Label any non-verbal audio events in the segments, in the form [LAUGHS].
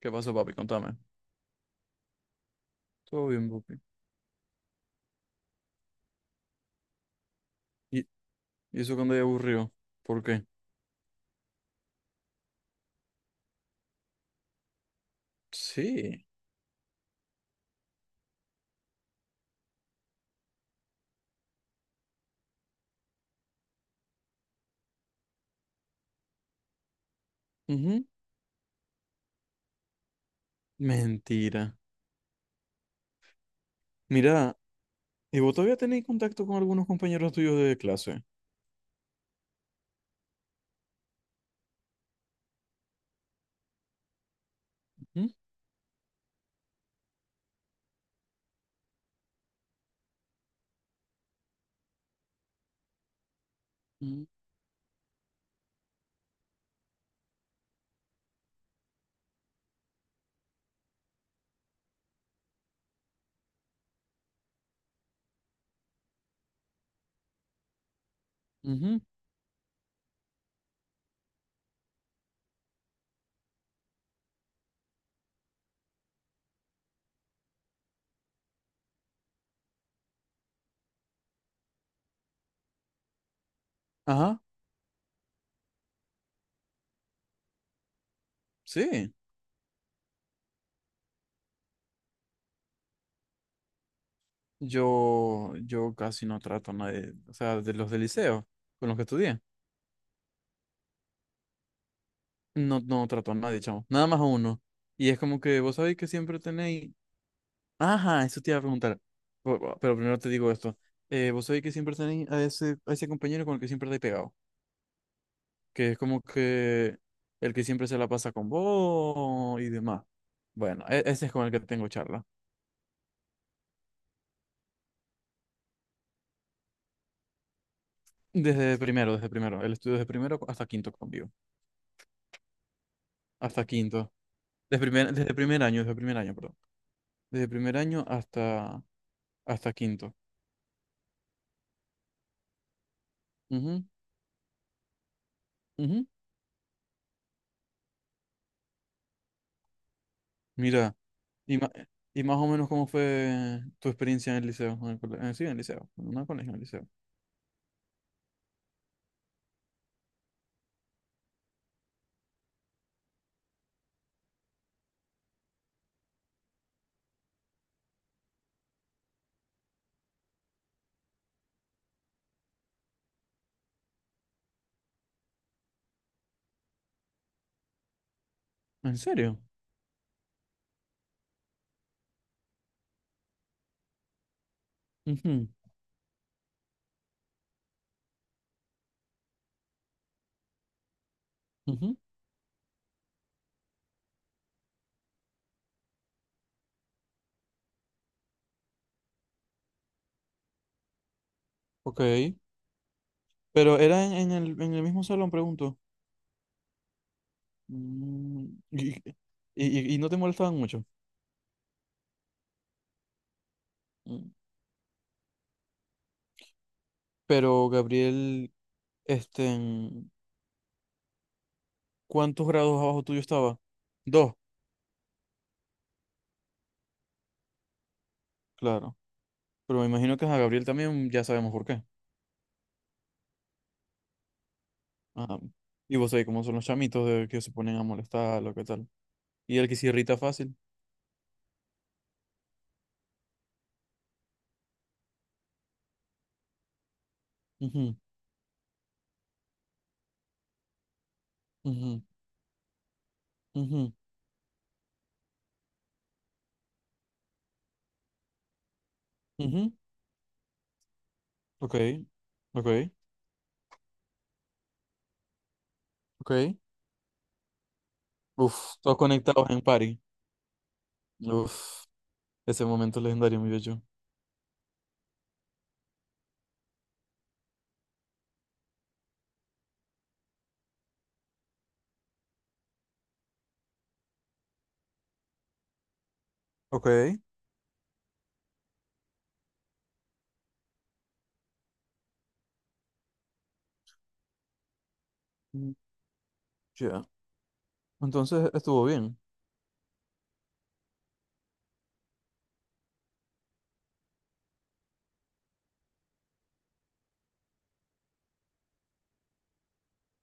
¿Qué pasó, papi? Contame. Todo bien, papi. ¿Y, y eso cuando ya aburrió? ¿Por qué? Sí. Ujú. Mentira. Mira, ¿y vos todavía tenéis contacto con algunos compañeros tuyos de clase? Ujú, ujú, ujú. Ajá, sí. Yo casi no trato a nadie, o sea, de los del liceo, con los que estudié. No, no trato a nadie, chamo. Nada más a uno. Y es como que vos sabéis que siempre tenéis. Ajá, eso te iba a preguntar. Pero primero te digo esto. Vos sabés que siempre tenéis a ese compañero con el que siempre estáis pegado. Que es como que el que siempre se la pasa con vos y demás. Bueno, ese es con el que tengo charla. Desde primero, desde primero. El estudio desde primero hasta quinto conmigo. Hasta quinto. Desde primer año, perdón. Desde primer año hasta, hasta quinto. Ujú, ujú. Mira, y, ma- y más o menos cómo fue tu experiencia en el liceo, en el colegio, sí, en el liceo, no en un colegio, en el liceo. ¿En serio? Ujú, ujú. Ok, pero era en el mismo salón, pregunto. Mm. Y no te molestaban mucho. Mm. Pero Gabriel, este, en- ¿cuántos grados abajo tuyo estaba? Dos, claro. Pero me imagino que a Gabriel también ya sabemos por qué. Ah, y vos sabés cómo son los chamitos de que se ponen a molestar, lo que tal. Y el que se irrita fácil. Ujú, ujú, ujú. Ok, ok, ok. Uf, todos conectados en party. Uf, ese momento legendario, mi bello. Ok, mm, ya. Entonces estuvo bien,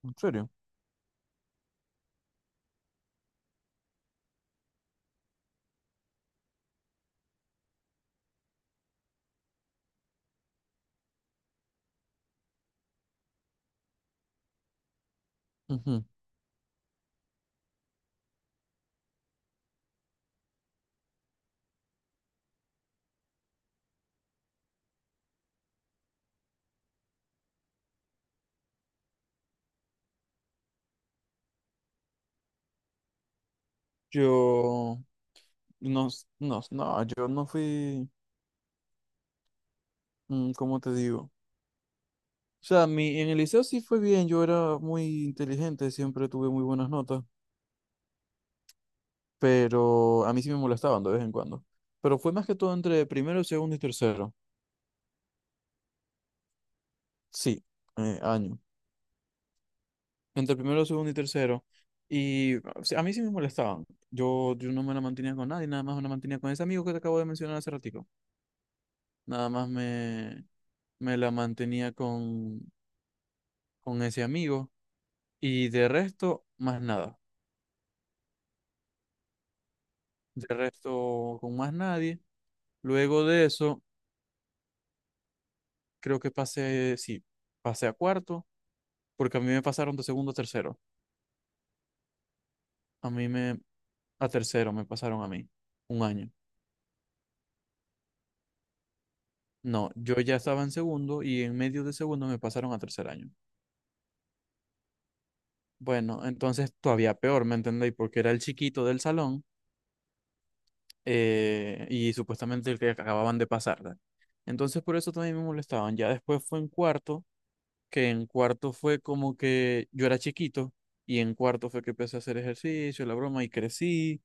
en serio. Ujú. Yo no, no, no, yo no fui, mm, ¿cómo te digo? O sea, en el liceo sí fue bien, yo era muy inteligente, siempre tuve muy buenas notas, pero a mí sí me molestaban de vez en cuando. Pero fue más que todo entre primero, segundo y tercero. Sí, año. Entre el primero, segundo y tercero. Y o sea, a mí sí me molestaban. Yo no me la mantenía con nadie, nada más me la mantenía con ese amigo que te acabo de mencionar hace ratico. Nada más me, me la mantenía con ese amigo. Y de resto, más nada. De resto, con más nadie. Luego de eso, creo que pasé, sí, pasé a cuarto, porque a mí me pasaron de segundo a tercero. A mí me, a tercero me pasaron a mí, un año. No, yo ya estaba en segundo y en medio de segundo me pasaron a tercer año. Bueno, entonces todavía peor, ¿me entendéis? Porque era el chiquito del salón, y supuestamente el que acababan de pasar, ¿verdad? Entonces por eso también me molestaban. Ya después fue en cuarto, que en cuarto fue como que yo era chiquito y en cuarto fue que empecé a hacer ejercicio, la broma, y crecí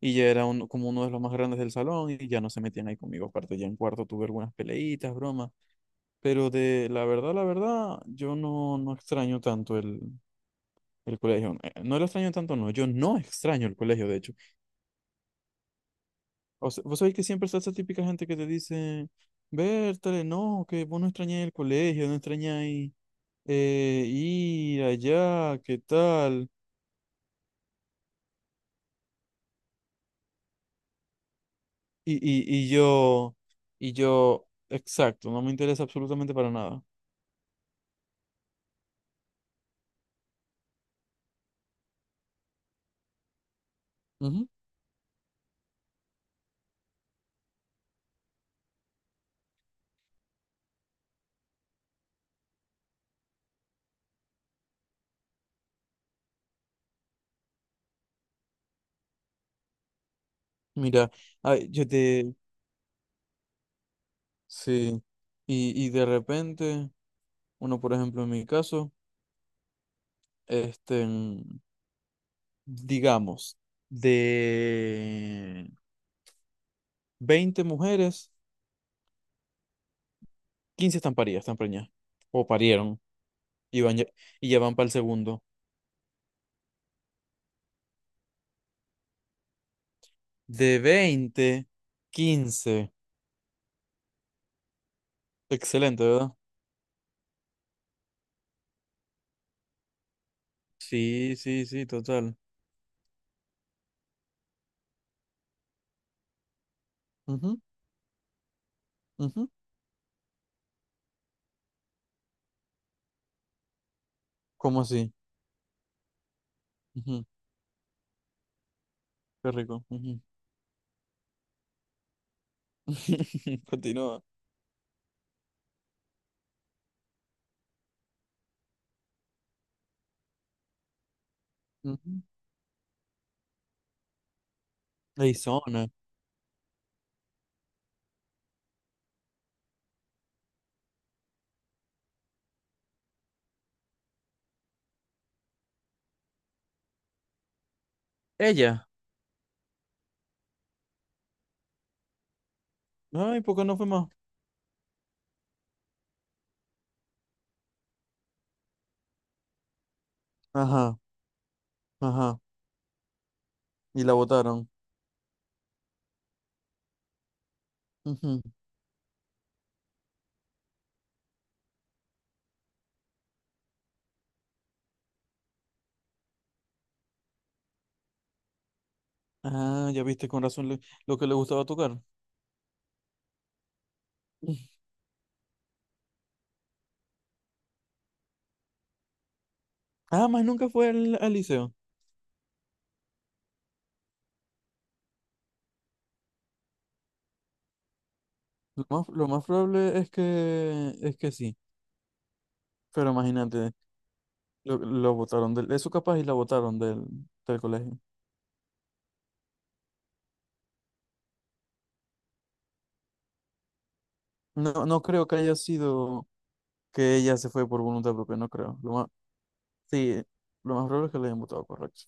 y ya era como uno de los más grandes del salón y ya no se metían ahí conmigo. Aparte, ya en cuarto tuve algunas peleitas, bromas, pero de la verdad, yo no, no extraño tanto el colegio. No lo extraño tanto, no. Yo no extraño el colegio, de hecho. O sea, vos sabés que siempre está esa típica gente que te dice, Bertale, no, que vos no extrañáis el colegio, no extrañáis, ir allá, qué tal. Y, y, y yo, y yo, exacto, no me interesa absolutamente para nada. Ujú. Mira, ay, yo te, sí. Y de repente, uno, por ejemplo, en mi caso, este, mm, digamos, de 20 mujeres, 15 están paridas, están preñadas. O parieron y, van ya, y ya van para el segundo. De 20, 15 Excelente, ¿verdad? Sí, sí, sí, total. Ujú, ujú. ¿Cómo así? Ujú, qué rico. Ujú. [LAUGHS] Continúa. Ujú. Arizona. Ella. Ay, ¿por qué no fue más? Ajá, ajá. Y la votaron. Ujú. Ah, ya viste con razón lo que le gustaba tocar. Ah, más nunca fue al, al liceo. Lo más probable es que sí, pero imagínate, lo botaron del, eso capaz y la botaron del, del colegio. No, no creo que haya sido que ella se fue por voluntad propia, no creo. Lo más, sí, lo más probable es que le hayan votado, correcto.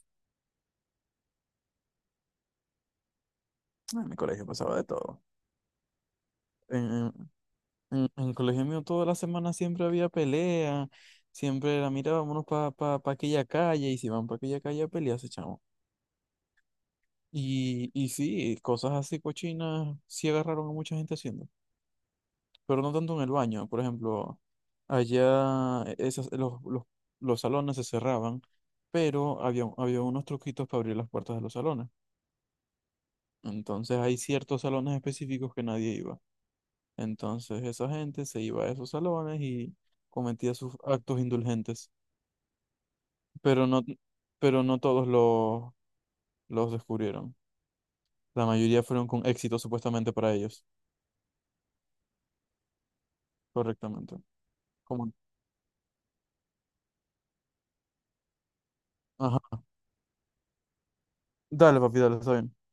En mi colegio pasaba de todo. En, en, el colegio mío toda la semana siempre había pelea, siempre era, mira, vámonos para pa, pa pa aquella calle, y si van para aquella calle a pelearse, chamo. Y sí, cosas así cochinas sí agarraron a mucha gente haciendo, pero no tanto en el baño. Por ejemplo, allá, los salones se cerraban, pero había unos truquitos para abrir las puertas de los salones. Entonces hay ciertos salones específicos que nadie iba. Entonces esa gente se iba a esos salones y cometía sus actos indulgentes. Pero no, pero no todos los descubrieron. La mayoría fueron con éxito supuestamente para ellos, correctamente. Como, ajá. Dale, papi, dale, está bien.